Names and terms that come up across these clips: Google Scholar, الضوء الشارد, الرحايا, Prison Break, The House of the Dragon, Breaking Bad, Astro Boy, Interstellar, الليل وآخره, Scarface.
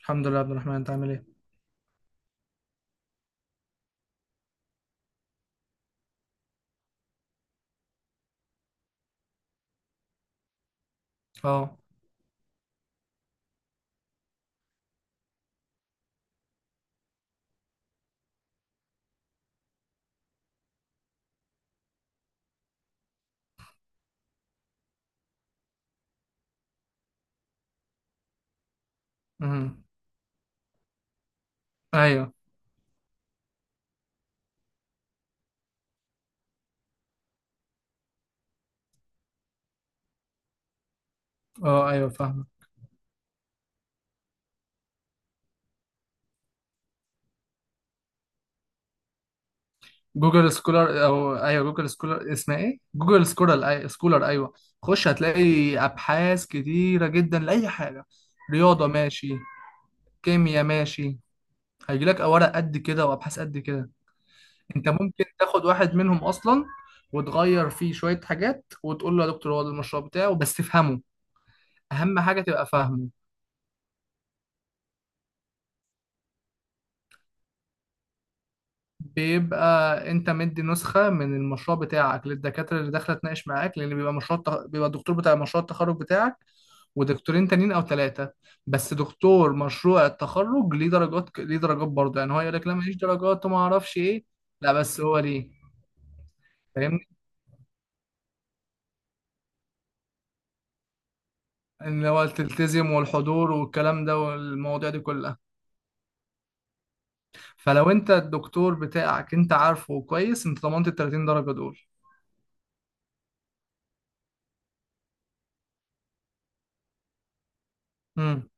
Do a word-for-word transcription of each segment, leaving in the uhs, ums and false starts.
الحمد لله يا عبد الرحمن، انت عامل ايه؟ اه امم ايوه اه ايوه فاهم. جوجل سكولر، او ايوه جوجل سكولر، اسمها ايه؟ جوجل سكولر، اي سكولر، ايوه. خش هتلاقي ابحاث كتيره جدا لاي حاجه. رياضه ماشي، كيمياء ماشي، هيجيلك ورق قد كده وابحاث قد كده. انت ممكن تاخد واحد منهم اصلا وتغير فيه شويه حاجات وتقول له يا دكتور هو ده المشروع بتاعه، بس تفهمه، اهم حاجه تبقى فاهمه. بيبقى انت مدي نسخة من المشروع بتاعك للدكاترة اللي داخلة تناقش معاك، لان بيبقى مشروع التخ- بيبقى الدكتور بتاع مشروع التخرج بتاعك، ودكتورين تانيين او ثلاثة. بس دكتور مشروع التخرج ليه درجات، ك- ليه درجات برضه، يعني هو يقول لك لا ماليش درجات وما اعرفش ايه. لا بس هو ليه، فاهمني؟ ان هو تلتزم، والحضور والكلام ده والمواضيع دي كلها. فلو انت الدكتور بتاعك انت عارفه كويس، انت ضمنت ال تلاتين درجة دول. امم.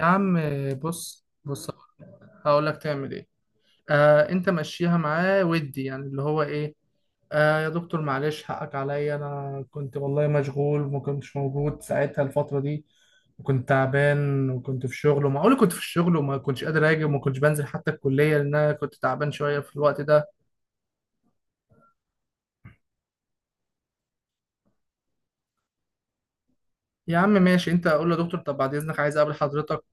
يا عم بص بص، هقول لك تعمل ايه. آه انت مشيها معاه، ودي يعني اللي هو ايه، آه يا دكتور معلش حقك عليا، انا كنت والله مشغول وما كنتش موجود ساعتها الفترة دي، وكنت تعبان وكنت في شغل، ومعقول كنت في الشغل وما كنتش قادر اجي، وما كنتش بنزل حتى الكلية لان انا كنت تعبان شوية في الوقت ده. يا عم ماشي، انت اقول له يا دكتور طب بعد اذنك عايز اقابل حضرتك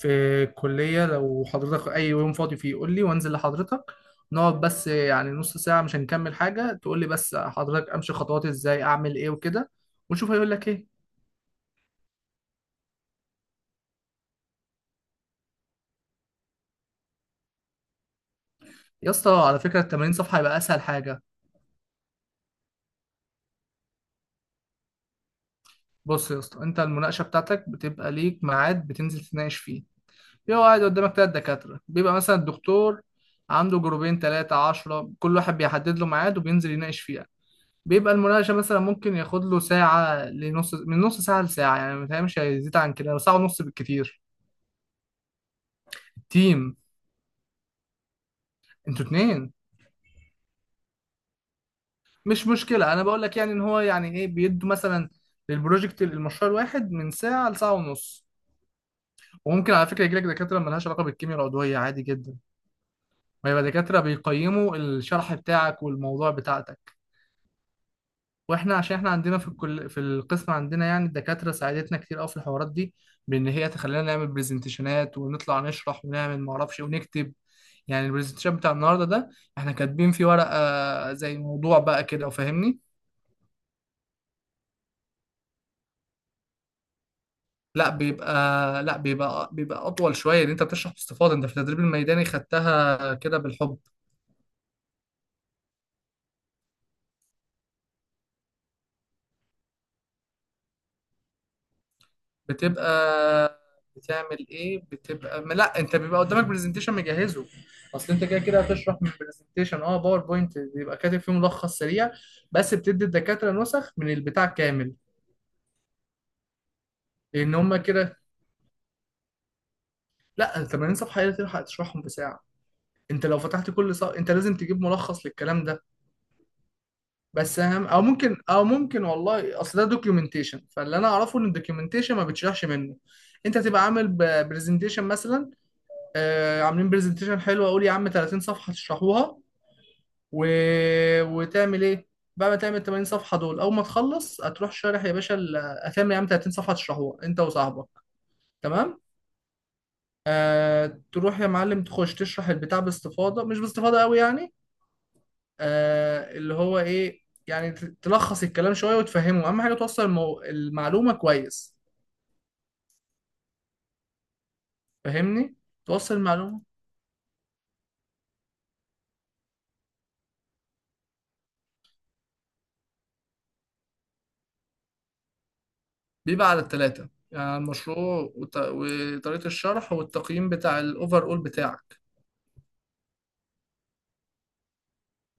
في الكلية، لو حضرتك أي يوم فاضي فيه قول لي وأنزل لحضرتك. نقعد بس يعني نص ساعة، مش هنكمل حاجة، تقول لي بس حضرتك أمشي خطوات إزاي، أعمل إيه وكده. ونشوف هيقول لك إيه. يا اسطى على فكرة ال تمانين صفحة هيبقى أسهل حاجة. بص يا اسطى، أنت المناقشة بتاعتك بتبقى ليك ميعاد بتنزل تناقش فيه. بيبقى قاعد قدامك تلات دكاترة. بيبقى مثلا الدكتور عنده جروبين تلاتة عشرة، كل واحد بيحدد له ميعاد وبينزل يناقش فيه. بيبقى المناقشة مثلا ممكن ياخد له ساعة لنص، من نص ساعة لساعة يعني، ما مش هيزيد عن كده، ساعة ونص بالكتير. التيم. انتوا اتنين. مش مشكلة أنا بقول لك يعني إن هو يعني إيه بيدوا مثلا للبروجكت، المشروع الواحد من ساعة لساعة ونص. وممكن على فكرة يجيلك دكاترة ملهاش علاقة بالكيمياء العضوية، عادي جدا، ويبقى دكاترة بيقيموا الشرح بتاعك والموضوع بتاعتك. واحنا عشان احنا عندنا في الكل في القسم عندنا يعني الدكاتره ساعدتنا كتير قوي في الحوارات دي، بان هي تخلينا نعمل برزنتيشنات ونطلع نشرح ونعمل ما اعرفش إيه ونكتب. يعني البرزنتيشن بتاع النهارده ده احنا كاتبين فيه ورقه زي موضوع بقى كده، وفاهمني. لا بيبقى لا بيبقى بيبقى اطول شويه، ان انت بتشرح باستفاضه. انت في التدريب الميداني خدتها كده بالحب. بتبقى بتعمل ايه بتبقى ما لا انت بيبقى قدامك برزنتيشن مجهزه. اصل انت كده كده هتشرح من البرزنتيشن، اه باوربوينت بيبقى كاتب فيه ملخص سريع. بس بتدي الدكاتره نسخ من البتاع كامل. لان هم كده. لا تمانين صفحه ايه تلحق تشرحهم بساعه؟ انت لو فتحت كل صفحه انت لازم تجيب ملخص للكلام ده. بس اهم، او ممكن او ممكن والله، اصل ده دوكيومنتيشن، فاللي انا اعرفه ان الدوكيومنتيشن ما بتشرحش منه. انت تبقى عامل برزنتيشن مثلا، آه، عاملين برزنتيشن حلو، اقول يا عم تلاتين صفحه تشرحوها. و... وتعمل ايه؟ بعد ما تعمل تمانين صفحه دول، اول ما تخلص هتروح شارح يا باشا ال- هتعمل يا عم تلاتين صفحه تشرحوها انت وصاحبك. تمام. آه تروح يا معلم تخش تشرح البتاع باستفاضه، مش باستفاضه قوي يعني، آه اللي هو ايه يعني، ت- تلخص الكلام شويه وتفهمه. اهم حاجه توصل المو... المعلومه كويس. فاهمني؟ توصل المعلومه. بيبقى على التلاتة، يعني على المشروع وت- وطريقة الشرح والتقييم بتاع الأوفر أول بتاعك.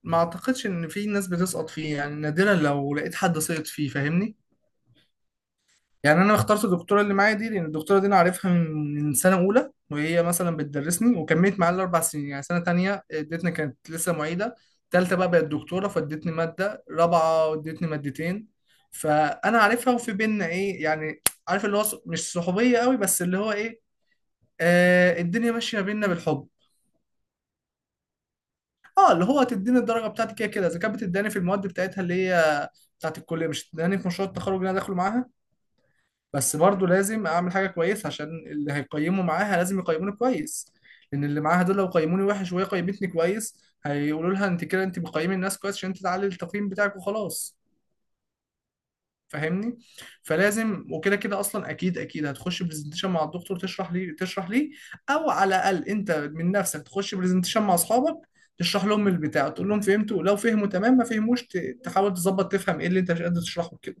ما أعتقدش إن في ناس بتسقط فيه، يعني نادرا لو لقيت حد سقط فيه، فاهمني. يعني أنا اخترت الدكتورة اللي معايا دي لأن الدكتورة دي أنا عارفها من من سنة أولى، وهي مثلا بتدرسني وكملت معايا الأربع سنين، يعني سنة تانية ادتني كانت لسه معيدة، تالتة بقى بقت دكتورة فادتني مادة، رابعة ادتني مادتين. فأنا عارفها، وفي بينا إيه يعني، عارف اللي هو ص- مش صحوبية قوي، بس اللي هو إيه، آه الدنيا ماشيه بينا بالحب. اه اللي هو تديني الدرجه بتاعتي كده كده، اذا كانت بتداني في المواد بتاعتها اللي هي بتاعت الكليه، مش بتداني في مشروع التخرج اللي انا داخله معاها. بس برضه لازم اعمل حاجه كويسه عشان اللي هيقيموا معاها لازم يقيموني كويس، لان اللي معاها دول لو قيموني وحش وهي قيمتني كويس هيقولوا لها انت كده انت بتقيمي الناس كويس عشان انت تعلي التقييم بتاعك، وخلاص. فاهمني؟ فلازم، وكده كده اصلا اكيد اكيد هتخش برزنتيشن مع الدكتور تشرح ليه تشرح ليه، او على الاقل انت من نفسك تخش برزنتيشن مع اصحابك تشرح لهم البتاع، تقول لهم فهمتوا؟ لو فهموا تمام، ما فهموش ت- تحاول تظبط تفهم ايه اللي انت مش قادر تشرحه كده.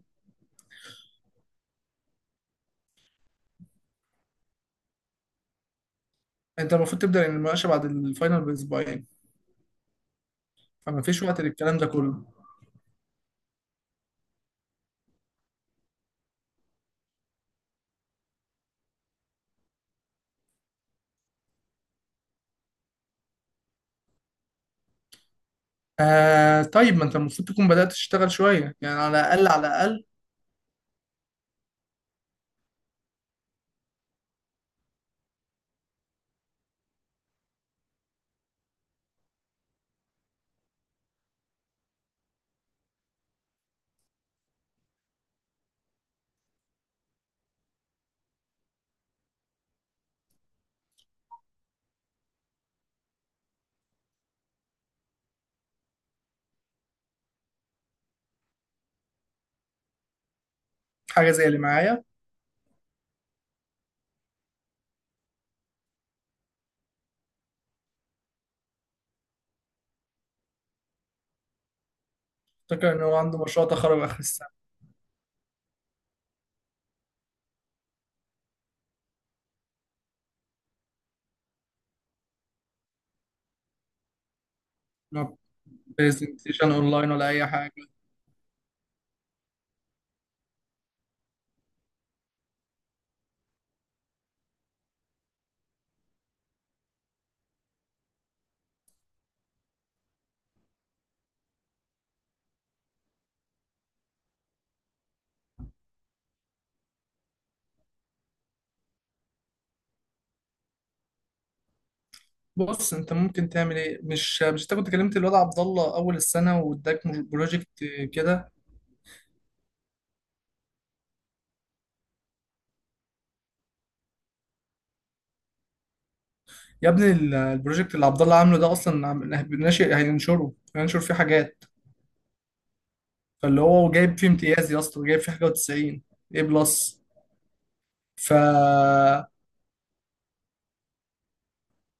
انت المفروض تبدا المناقشه بعد الفاينل باسبوعين، فما فيش وقت للكلام ده كله. آه طيب ما انت المفروض تكون بدات تشتغل شويه يعني، على الاقل على الاقل حاجه زي اللي معايا. افتكر ان هو عنده مشروع تخرج اخر السنه. برزنتيشن اونلاين ولا اي حاجه؟ بص انت ممكن تعمل ايه، مش مش انت كنت كلمت الواد عبد الله اول السنه واداك مج- بروجكت كده؟ يا ابني ال- البروجكت اللي عبد الله عامله ده اصلا عم- ناشئ، هينشره، هينشر فيه حاجات. فاللي هو جايب فيه امتياز يا اسطى، جايب فيه حاجه و تسعين ايه بلس. ف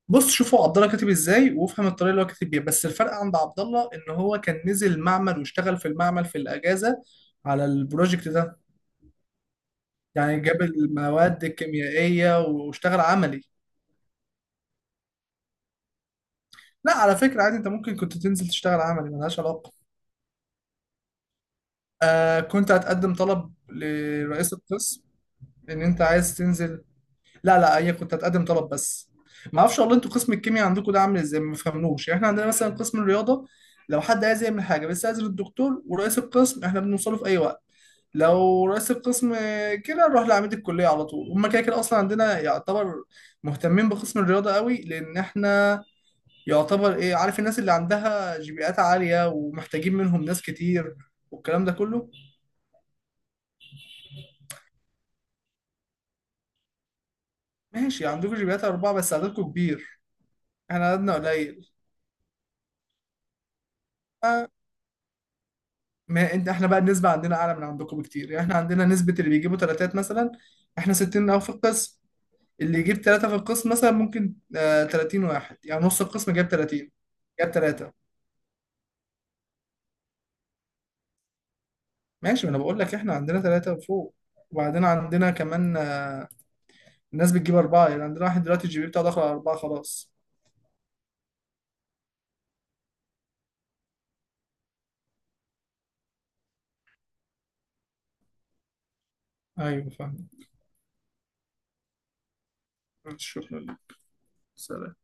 بص شوفوا عبد الله كاتب ازاي وافهم الطريقه اللي هو كاتب بيها. بس الفرق عند عبد الله ان هو كان نزل معمل واشتغل في المعمل في الاجازه على البروجكت ده، يعني جاب المواد الكيميائيه واشتغل عملي. لا على فكرة عادي انت ممكن كنت تنزل تشتغل عملي، ملهاش علاقة. آه كنت هتقدم طلب لرئيس القسم ان انت عايز تنزل. لا لا هي كنت هتقدم طلب بس. ما اعرفش والله انتوا قسم الكيمياء عندكم ده عامل ازاي، ما فهمنوش، يعني احنا عندنا مثلا قسم الرياضة لو حد عايز يعمل حاجة بس، عايز الدكتور ورئيس القسم احنا بنوصله في اي وقت، لو رئيس القسم كده نروح لعميد الكلية على طول. هما كده كده اصلا عندنا يعتبر مهتمين بقسم الرياضة قوي، لان احنا يعتبر ايه، عارف الناس اللي عندها جي عالية ومحتاجين منهم ناس كتير والكلام ده كله. ماشي عندكم جي أربعة بس عددكم كبير، احنا عددنا قليل. آه، ما انت احنا بقى النسبة عندنا أعلى من عندكم بكتير، يعني احنا عندنا نسبة اللي بيجيبوا تلاتات مثلا احنا ستين أو في القسم، اللي يجيب تلاتة في القسم مثلا ممكن آه تلاتين واحد، يعني نص القسم جاب تلاتين، جاب تلاتة. ماشي ما أنا بقول لك احنا عندنا تلاتة وفوق. وبعدين عندنا كمان، آه، ناس بتجيب أربعة، يعني عندنا واحد دلوقتي الجي بي بتاعه داخل على أربعة خلاص. أيوه فاهم. شكرا لك. سلام.